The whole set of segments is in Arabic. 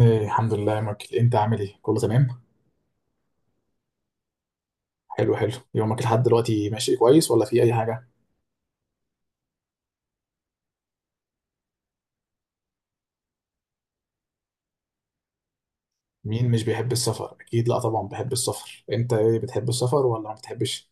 إيه، الحمد لله يا مايكل، انت عامل ايه؟ كله تمام؟ حلو حلو. يومك لحد دلوقتي ماشي كويس ولا في اي حاجه؟ مين مش بيحب السفر؟ اكيد لا، طبعا بحب السفر. انت ايه؟ بتحب السفر ولا ما بتحبش؟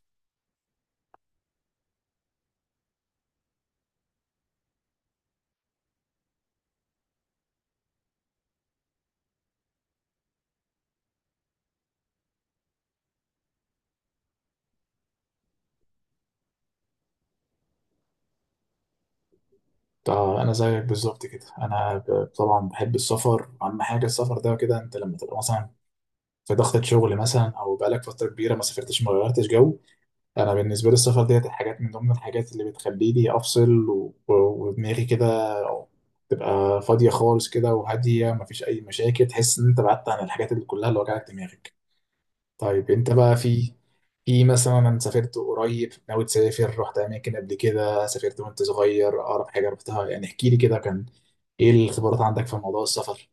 طب انا زيك بالظبط كده. انا طبعا بحب السفر. اهم حاجه السفر ده كده، انت لما تبقى مثلا في ضغطة شغل مثلا، او بقالك فتره كبيره ما سافرتش ما غيرتش جو. انا بالنسبه لي السفر ديت الحاجات من ضمن الحاجات اللي بتخليني افصل، ودماغي كده تبقى فاضيه خالص كده وهاديه، مفيش اي مشاكل. تحس ان انت بعدت عن الحاجات اللي كلها اللي وجعت دماغك. طيب انت بقى، في مثلا سافرت قريب، ناوي تسافر، رحت اماكن قبل كده، سافرت وانت صغير؟ اقرب حاجه رحتها، يعني احكي لي كده. كان ايه الخبرات عندك في موضوع السفر؟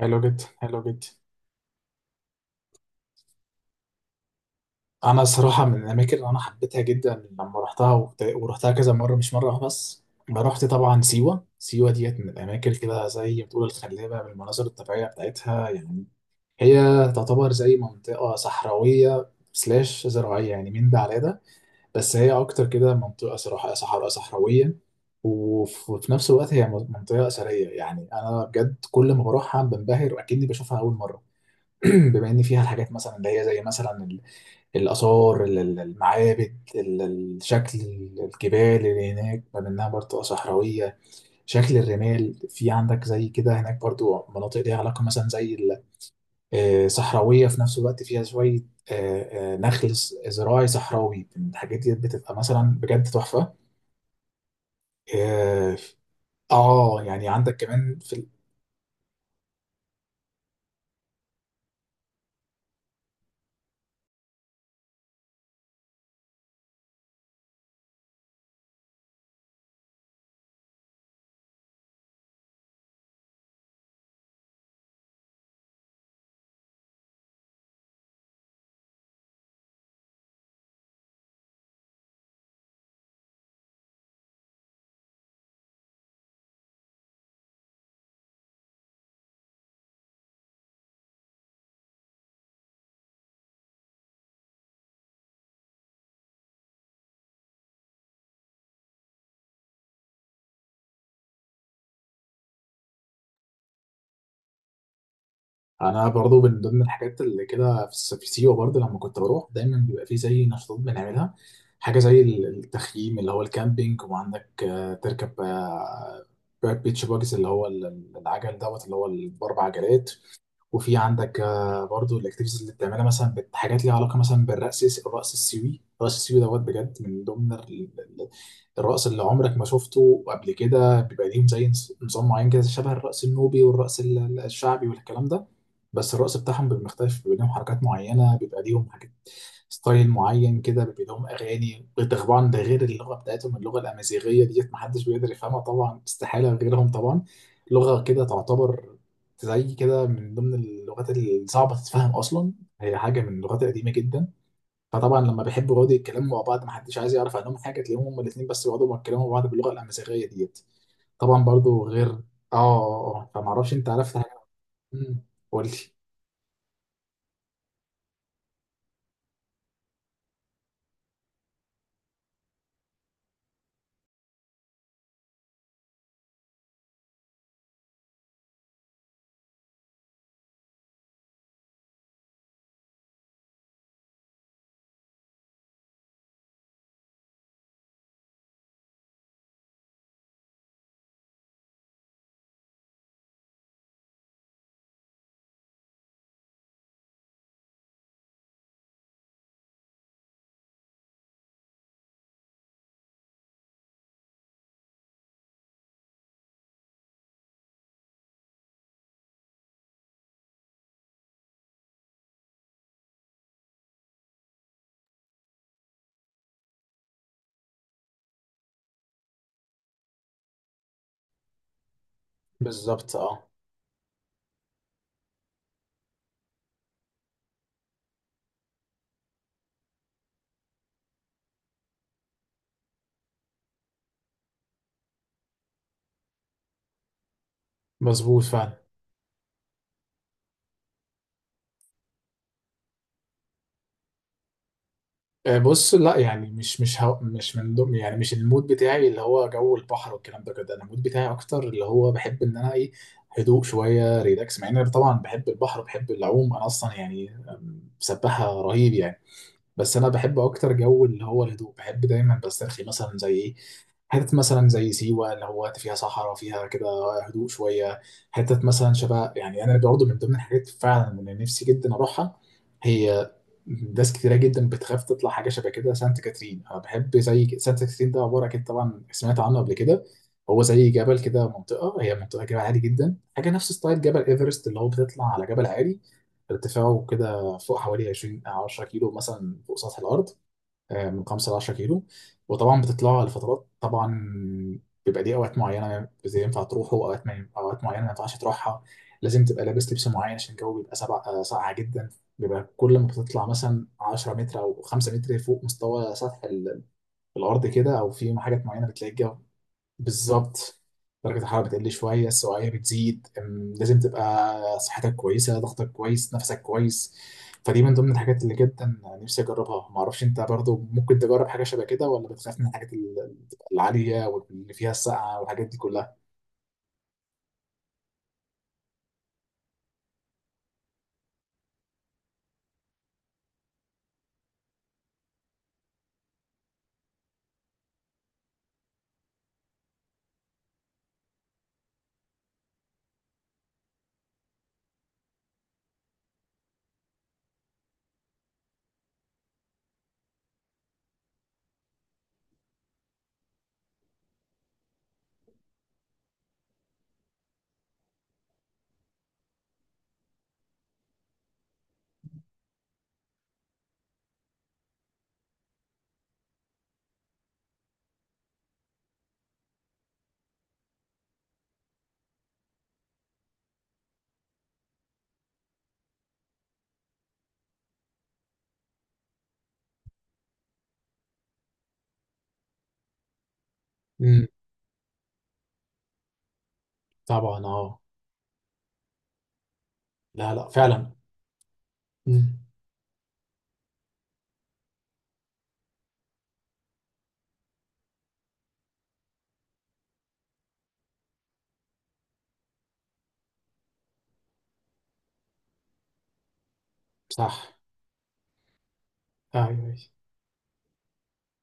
حلو جدا، حلو جدا. انا صراحه من الاماكن اللي انا حبيتها جدا لما رحتها ورحتها كذا مره، مش مره واحدة بس. انا رحت طبعا سيوه. سيوه ديت من الاماكن كده زي ما بتقول الخلابه بالمناظر الطبيعيه بتاعتها. يعني هي تعتبر زي منطقه صحراويه سلاش زراعيه، يعني من ده على ده. بس هي اكتر كده منطقه، صراحه صحراء صحراويه. وفي نفس الوقت هي منطقه اثريه. يعني انا بجد كل ما بروحها بنبهر واكني بشوفها اول مره. بما ان فيها الحاجات مثلا اللي هي زي مثلا الآثار، المعابد، الشكل، الجبال اللي هناك بما إنها برضو صحراوية. شكل الرمال في عندك زي كده، هناك برضو مناطق ليها علاقة مثلا زي صحراوية في نفس الوقت، فيها شوية نخل زراعي صحراوي. الحاجات دي بتبقى مثلا بجد تحفة. اه. يعني عندك كمان في، انا برضو من ضمن الحاجات اللي كده في في سيوه، برضو لما كنت بروح دايما بيبقى في زي نشاطات بنعملها. حاجه زي التخييم اللي هو الكامبينج، وعندك تركب بيتش باجز اللي هو العجل دوت اللي هو الاربع عجلات. وفي عندك برضو الاكتيفيتيز اللي بتعملها مثلا، حاجات ليها علاقه مثلا بالرقص. الرقص السيوي، الرقص السيوي دوت بجد من ضمن الرقص اللي عمرك ما شفته قبل كده. بيبقى ليهم زي نظام معين كده، شبه الرقص النوبي والرقص الشعبي والكلام ده، بس الرقص بتاعهم بيبقى مختلف. بيبقى ليهم حركات معينه، بيبقى ليهم حاجات، ستايل معين كده، بيبقى لهم اغاني. طبعا ده غير اللغه بتاعتهم، اللغه الامازيغيه ديت محدش بيقدر يفهمها طبعا، استحاله غيرهم طبعا. لغه كده تعتبر زي كده من ضمن اللغات الصعبة تتفهم أصلا. هي حاجة من اللغات القديمة جدا. فطبعا لما بيحبوا يقعدوا يتكلموا مع بعض، محدش عايز يعرف عنهم حاجة، تلاقيهم هما الاتنين بس بيقعدوا يتكلموا مع بعض باللغة الأمازيغية ديت. طبعا برضو غير اه فمعرفش، انت عرفت حاجة؟ مم، قولي. بالظبط اه. مظبوط فعلا. بص، لا يعني، مش هو مش من ضمن، يعني مش المود بتاعي اللي هو جو البحر والكلام ده كده. انا المود بتاعي اكتر اللي هو بحب ان انا ايه، هدوء شويه، ريلاكس. مع ان انا طبعا بحب البحر، بحب العوم، انا اصلا يعني سباحه رهيب يعني. بس انا بحب اكتر جو اللي هو الهدوء. بحب دايما بسترخي مثلا زي ايه، حتت مثلا زي سيوة اللي هو فيها صحراء، فيها كده هدوء شوية. حتت مثلا شبه يعني، أنا برضه من ضمن الحاجات فعلا اللي نفسي جدا أروحها، هي ناس كتيرة جدا بتخاف تطلع حاجة شبه كده، سانت كاترين. أنا بحب زي سانت كاترين ده عبارة، أكيد طبعا سمعت عنه قبل كده، هو زي جبل كده، منطقة، هي منطقة جبل عالي جدا، حاجة نفس ستايل جبل إيفرست اللي هو بتطلع على جبل عالي ارتفاعه كده فوق حوالي 20 أو 10 كيلو مثلا فوق سطح الارض. من 5 ل 10 كيلو. وطبعا بتطلعوا لفترات طبعا، بيبقى ليه اوقات معينه زي ينفع تروحوا اوقات، ما اوقات معينه ما ينفعش تروحها. لازم تبقى لابس لبس معين عشان الجو بيبقى سبع ساقعه جدا. بيبقى كل ما بتطلع مثلا 10 متر او 5 متر فوق مستوى سطح الارض كده، او في حاجات معينه بتلاقي الجو، بالظبط، درجة الحرارة بتقل شوية، السوائل بتزيد. لازم تبقى صحتك كويسة، ضغطك كويس، نفسك كويس. فدي من ضمن الحاجات اللي جدا نفسي أجربها. معرفش أنت برضو ممكن تجرب حاجة شبه كده ولا بتخاف من الحاجات العالية واللي فيها السقعة والحاجات دي كلها؟ امم. طبعا اه. لا لا فعلا. امم. صح. ايوه، أيوة.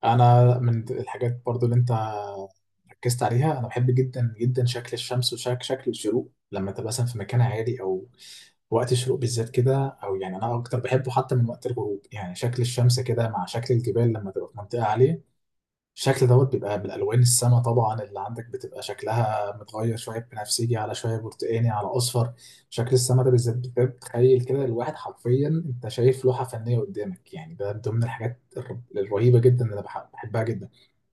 انا من الحاجات برضو اللي انت ركزت عليها، انا بحب جدا جدا شكل الشمس وشكل الشروق، لما تبقى مثلا في مكان عالي، او وقت الشروق بالذات كده. او يعني انا اكتر بحبه حتى من وقت الغروب. يعني شكل الشمس كده مع شكل الجبال لما تبقى في منطقه عاليه، الشكل دوت بيبقى بالالوان، السما طبعا اللي عندك بتبقى شكلها متغير، شويه بنفسجي على شويه برتقاني على اصفر. شكل السما ده بالذات بتخيل كده الواحد حرفيا انت شايف لوحه فنيه قدامك. يعني ده من ضمن الحاجات الرهيبه جدا اللي انا بحبها جدا.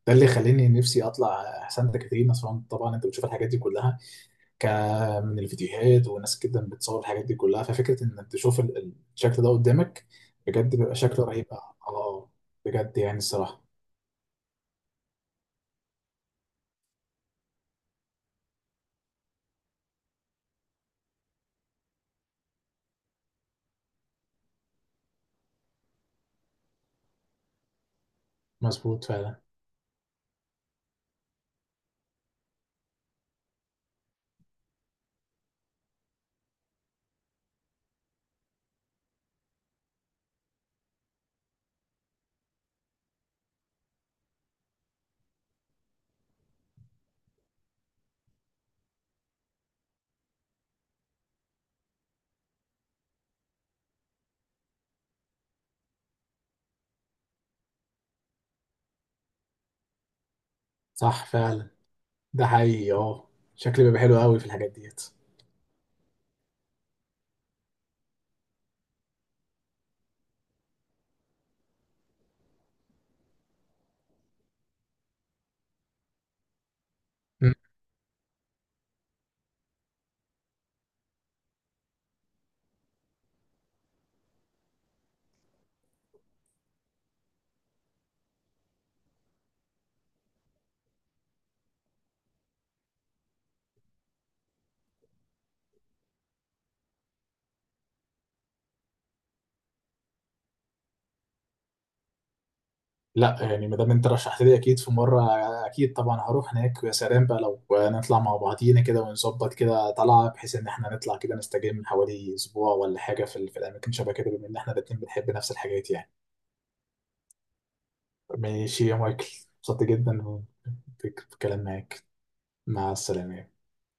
ده اللي خلاني نفسي اطلع سانتا كاترينا اصلا. طبعا انت بتشوف الحاجات دي كلها ك من الفيديوهات، وناس جدا بتصور الحاجات دي كلها، ففكره انك تشوف الشكل ده قدامك بجد بيبقى شكله رهيب. اه بجد يعني الصراحه مظبوط فعلا. صح فعلا. ده حقيقي اه. شكلي بيبقى حلو قوي في الحاجات ديت. لا يعني ما دام انت رشحت لي، اكيد في مره، اكيد طبعا هروح هناك. ويا سلام بقى لو نطلع مع بعضينا كده، ونظبط كده طلعه بحيث ان احنا نطلع كده نستجم حوالي اسبوع ولا حاجه في الاماكن شبه كده، بما ان احنا الاتنين بنحب نفس الحاجات يعني. ماشي يا مايكل. مبسوط جدا بالكلام معاك. مع السلامه.